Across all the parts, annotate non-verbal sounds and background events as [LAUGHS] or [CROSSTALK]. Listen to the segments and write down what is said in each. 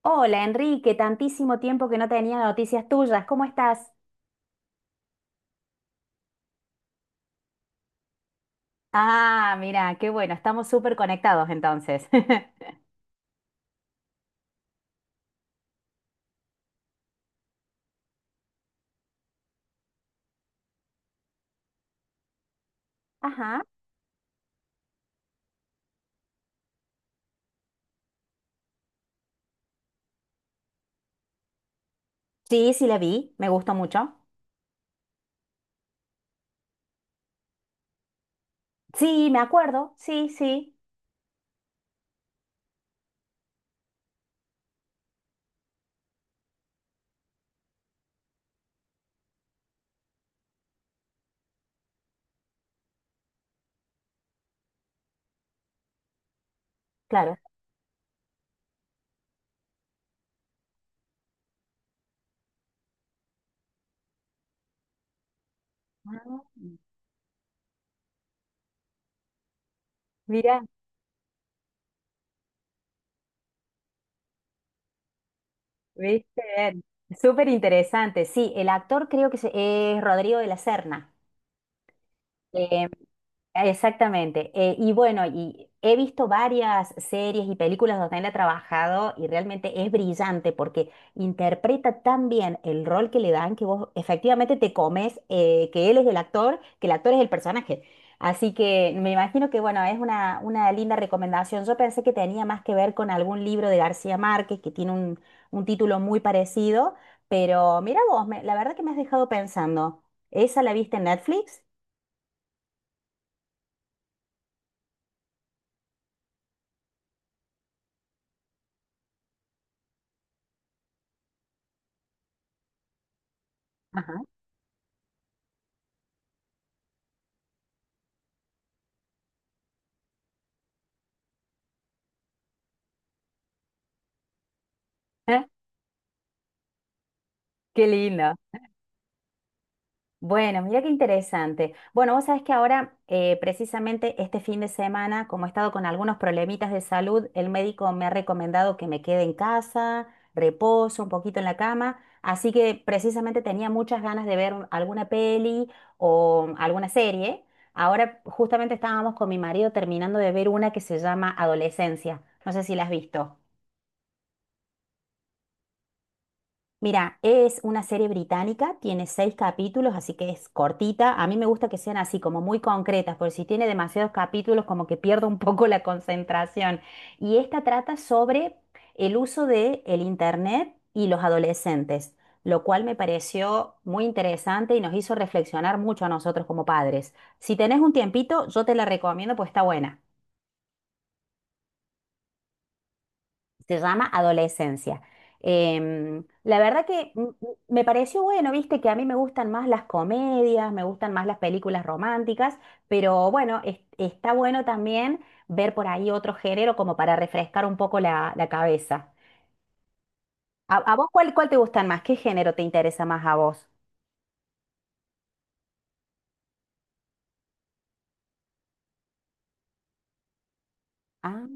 Hola Enrique, tantísimo tiempo que no tenía noticias tuyas, ¿cómo estás? Ah, mira, qué bueno, estamos súper conectados entonces. [LAUGHS] Ajá. Sí, sí la vi. Me gustó mucho. Sí, me acuerdo, sí, sí. Claro. Ah, mira, viste bien. Súper interesante. Sí, el actor creo que es Rodrigo de la Serna. Exactamente. Y bueno, y he visto varias series y películas donde él ha trabajado y realmente es brillante porque interpreta tan bien el rol que le dan que vos efectivamente te comes que él es el actor, que el actor es el personaje. Así que me imagino que bueno, es una linda recomendación. Yo pensé que tenía más que ver con algún libro de García Márquez que tiene un título muy parecido, pero mira vos, la verdad que me has dejado pensando. ¿Esa la viste en Netflix? Ajá. [LAUGHS] Qué lindo. Bueno, mira qué interesante. Bueno, vos sabés que ahora, precisamente este fin de semana, como he estado con algunos problemitas de salud, el médico me ha recomendado que me quede en casa, reposo un poquito en la cama, así que precisamente tenía muchas ganas de ver alguna peli o alguna serie. Ahora justamente estábamos con mi marido terminando de ver una que se llama Adolescencia. No sé si la has visto. Mira, es una serie británica, tiene seis capítulos, así que es cortita. A mí me gusta que sean así, como muy concretas, porque si tiene demasiados capítulos, como que pierdo un [LAUGHS] poco la concentración. Y esta trata sobre el uso de el internet y los adolescentes, lo cual me pareció muy interesante y nos hizo reflexionar mucho a nosotros como padres. Si tenés un tiempito, yo te la recomiendo, pues está buena. Se llama Adolescencia. Em, la verdad que mm, mm, Me pareció bueno, viste, que a mí me gustan más las comedias, me gustan más las películas románticas, pero bueno, está bueno también ver por ahí otro género como para refrescar un poco la cabeza. A vos cuál te gustan más? ¿Qué género te interesa más a vos? Ah,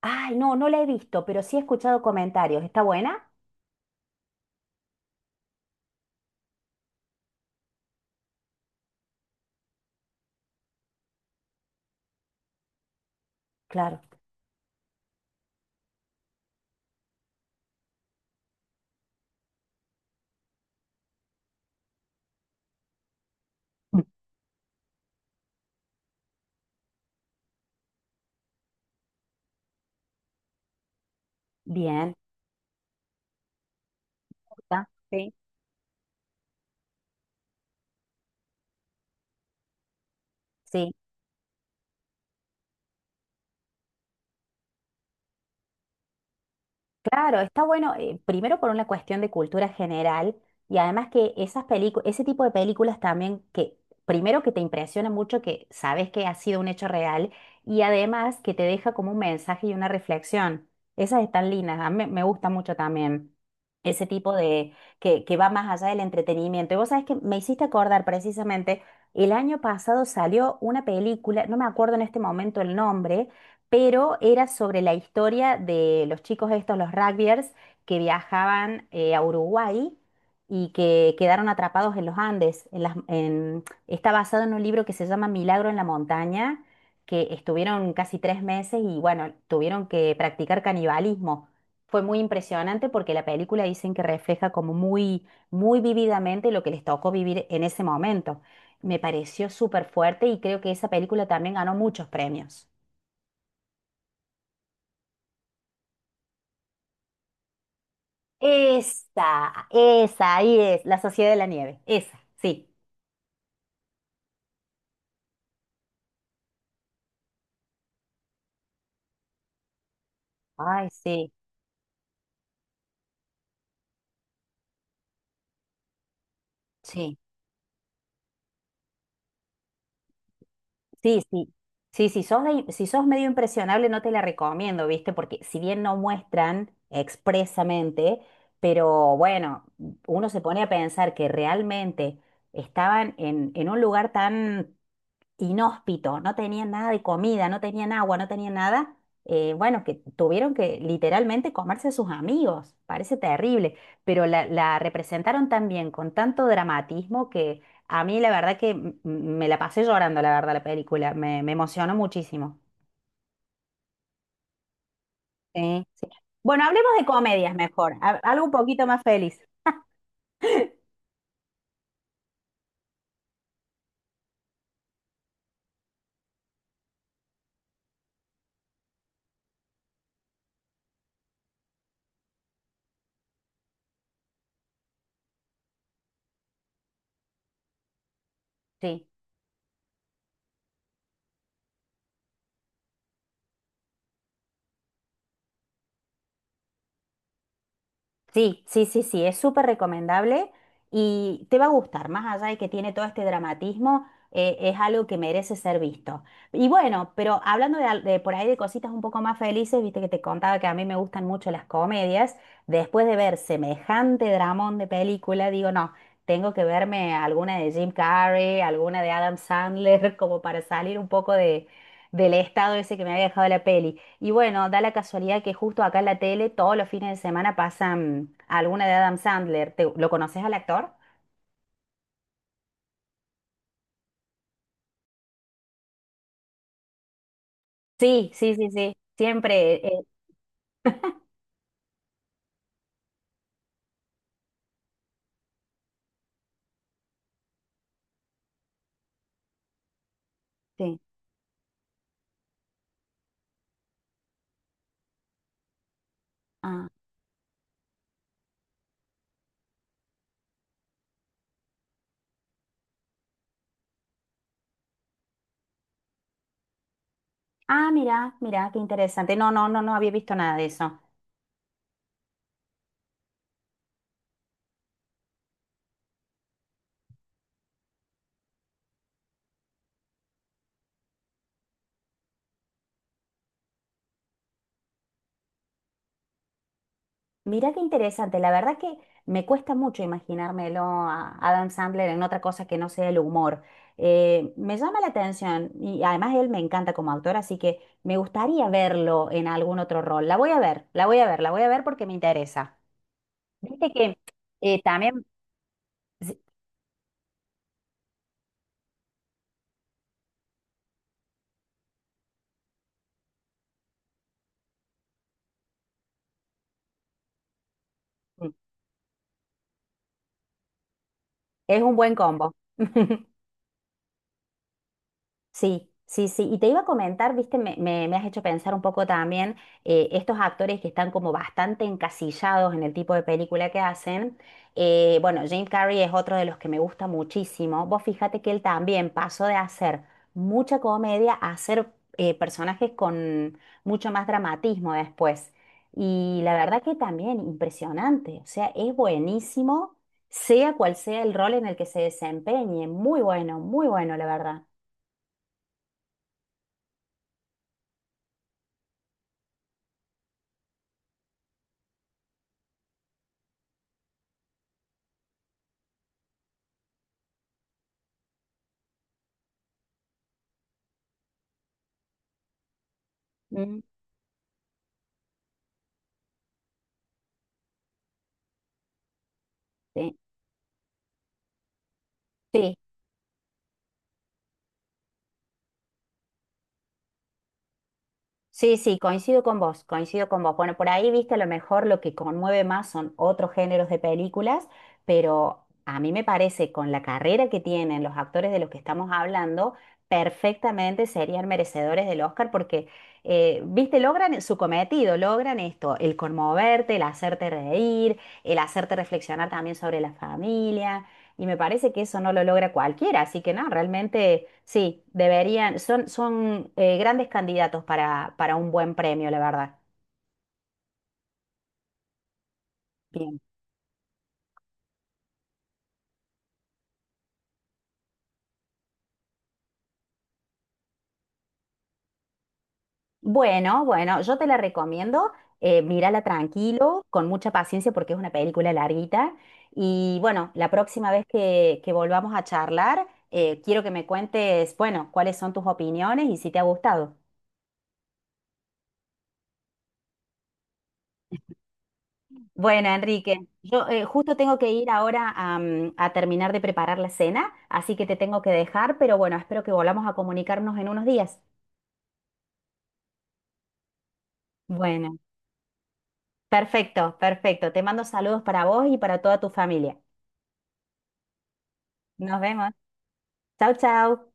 ay, no, no la he visto, pero sí he escuchado comentarios. ¿Está buena? Claro. Bien. ¿Está? Sí. Sí. Claro, está bueno, primero por una cuestión de cultura general y además que esas películas, ese tipo de películas también que primero que te impresiona mucho que sabes que ha sido un hecho real y además que te deja como un mensaje y una reflexión. Esas están lindas, a mí me gusta mucho también ese tipo de que va más allá del entretenimiento. Y vos sabés que me hiciste acordar precisamente, el año pasado salió una película, no me acuerdo en este momento el nombre pero era sobre la historia de los chicos estos, los rugbyers, que viajaban a Uruguay y que quedaron atrapados en los Andes. Está basado en un libro que se llama Milagro en la montaña, que estuvieron casi tres meses y bueno, tuvieron que practicar canibalismo. Fue muy impresionante porque la película dicen que refleja como muy vívidamente lo que les tocó vivir en ese momento. Me pareció súper fuerte y creo que esa película también ganó muchos premios. Ahí es, La Sociedad de la Nieve, esa, sí. Ay, sí, sí, sí, sí. Sí, si sos medio impresionable, no te la recomiendo, ¿viste? Porque si bien no muestran expresamente, pero bueno, uno se pone a pensar que realmente estaban en un lugar tan inhóspito, no tenían nada de comida, no tenían agua, no tenían nada, bueno, que tuvieron que literalmente comerse a sus amigos, parece terrible, pero la representaron también con tanto dramatismo que a mí la verdad que me la pasé llorando, la verdad, la película, me emocionó muchísimo. Sí. Sí. Bueno, hablemos de comedias mejor, algo un poquito más feliz. Sí. Sí, sí, sí, sí, es súper recomendable y te va a gustar, más allá de que tiene todo este dramatismo, es algo que merece ser visto. Y bueno, pero hablando de por ahí de cositas un poco más felices, viste que te contaba que a mí me gustan mucho las comedias, después de ver semejante dramón de película, digo, no, tengo que verme alguna de Jim Carrey, alguna de Adam Sandler, [LAUGHS] como para salir un poco de, del estado ese que me había dejado la peli. Y bueno, da la casualidad que justo acá en la tele todos los fines de semana pasan alguna de Adam Sandler. ¿Lo conoces al actor? Sí, sí, sí, sí. Siempre. Sí. Ah, ah, mira, mira, qué interesante. No, no, no, no había visto nada de eso. Mira qué interesante. La verdad que me cuesta mucho imaginármelo a Adam Sandler en otra cosa que no sea el humor. Me llama la atención y además él me encanta como autor, así que me gustaría verlo en algún otro rol. La voy a ver, la voy a ver, la voy a ver porque me interesa. Viste que también sí, mm, es un buen combo. [LAUGHS] Sí, sí, sí. Y te iba a comentar, viste, me has hecho pensar un poco también estos actores que están como bastante encasillados en el tipo de película que hacen. Bueno, Jim Carrey es otro de los que me gusta muchísimo. Vos fíjate que él también pasó de hacer mucha comedia a hacer personajes con mucho más dramatismo después. Y la verdad que también impresionante. O sea, es buenísimo, sea cual sea el rol en el que se desempeñe. Muy bueno, muy bueno, la verdad. Sí, sí, sí, sí, coincido con vos, coincido con vos. Bueno, por ahí viste a lo mejor lo que conmueve más son otros géneros de películas, pero a mí me parece con la carrera que tienen los actores de los que estamos hablando, perfectamente serían merecedores del Oscar porque, viste, logran su cometido, logran esto, el conmoverte, el hacerte reír, el hacerte reflexionar también sobre la familia. Y me parece que eso no lo logra cualquiera, así que no, realmente sí, deberían, son grandes candidatos para un buen premio, la verdad. Bien. Bueno, bueno, yo te la recomiendo, mírala tranquilo, con mucha paciencia porque es una película larguita. Y bueno, la próxima vez que volvamos a charlar, quiero que me cuentes, bueno, cuáles son tus opiniones y si te ha gustado. Bueno, Enrique, yo justo tengo que ir ahora a, a terminar de preparar la cena, así que te tengo que dejar, pero bueno, espero que volvamos a comunicarnos en unos días. Bueno, perfecto, perfecto. Te mando saludos para vos y para toda tu familia. Nos vemos. Chau, chau.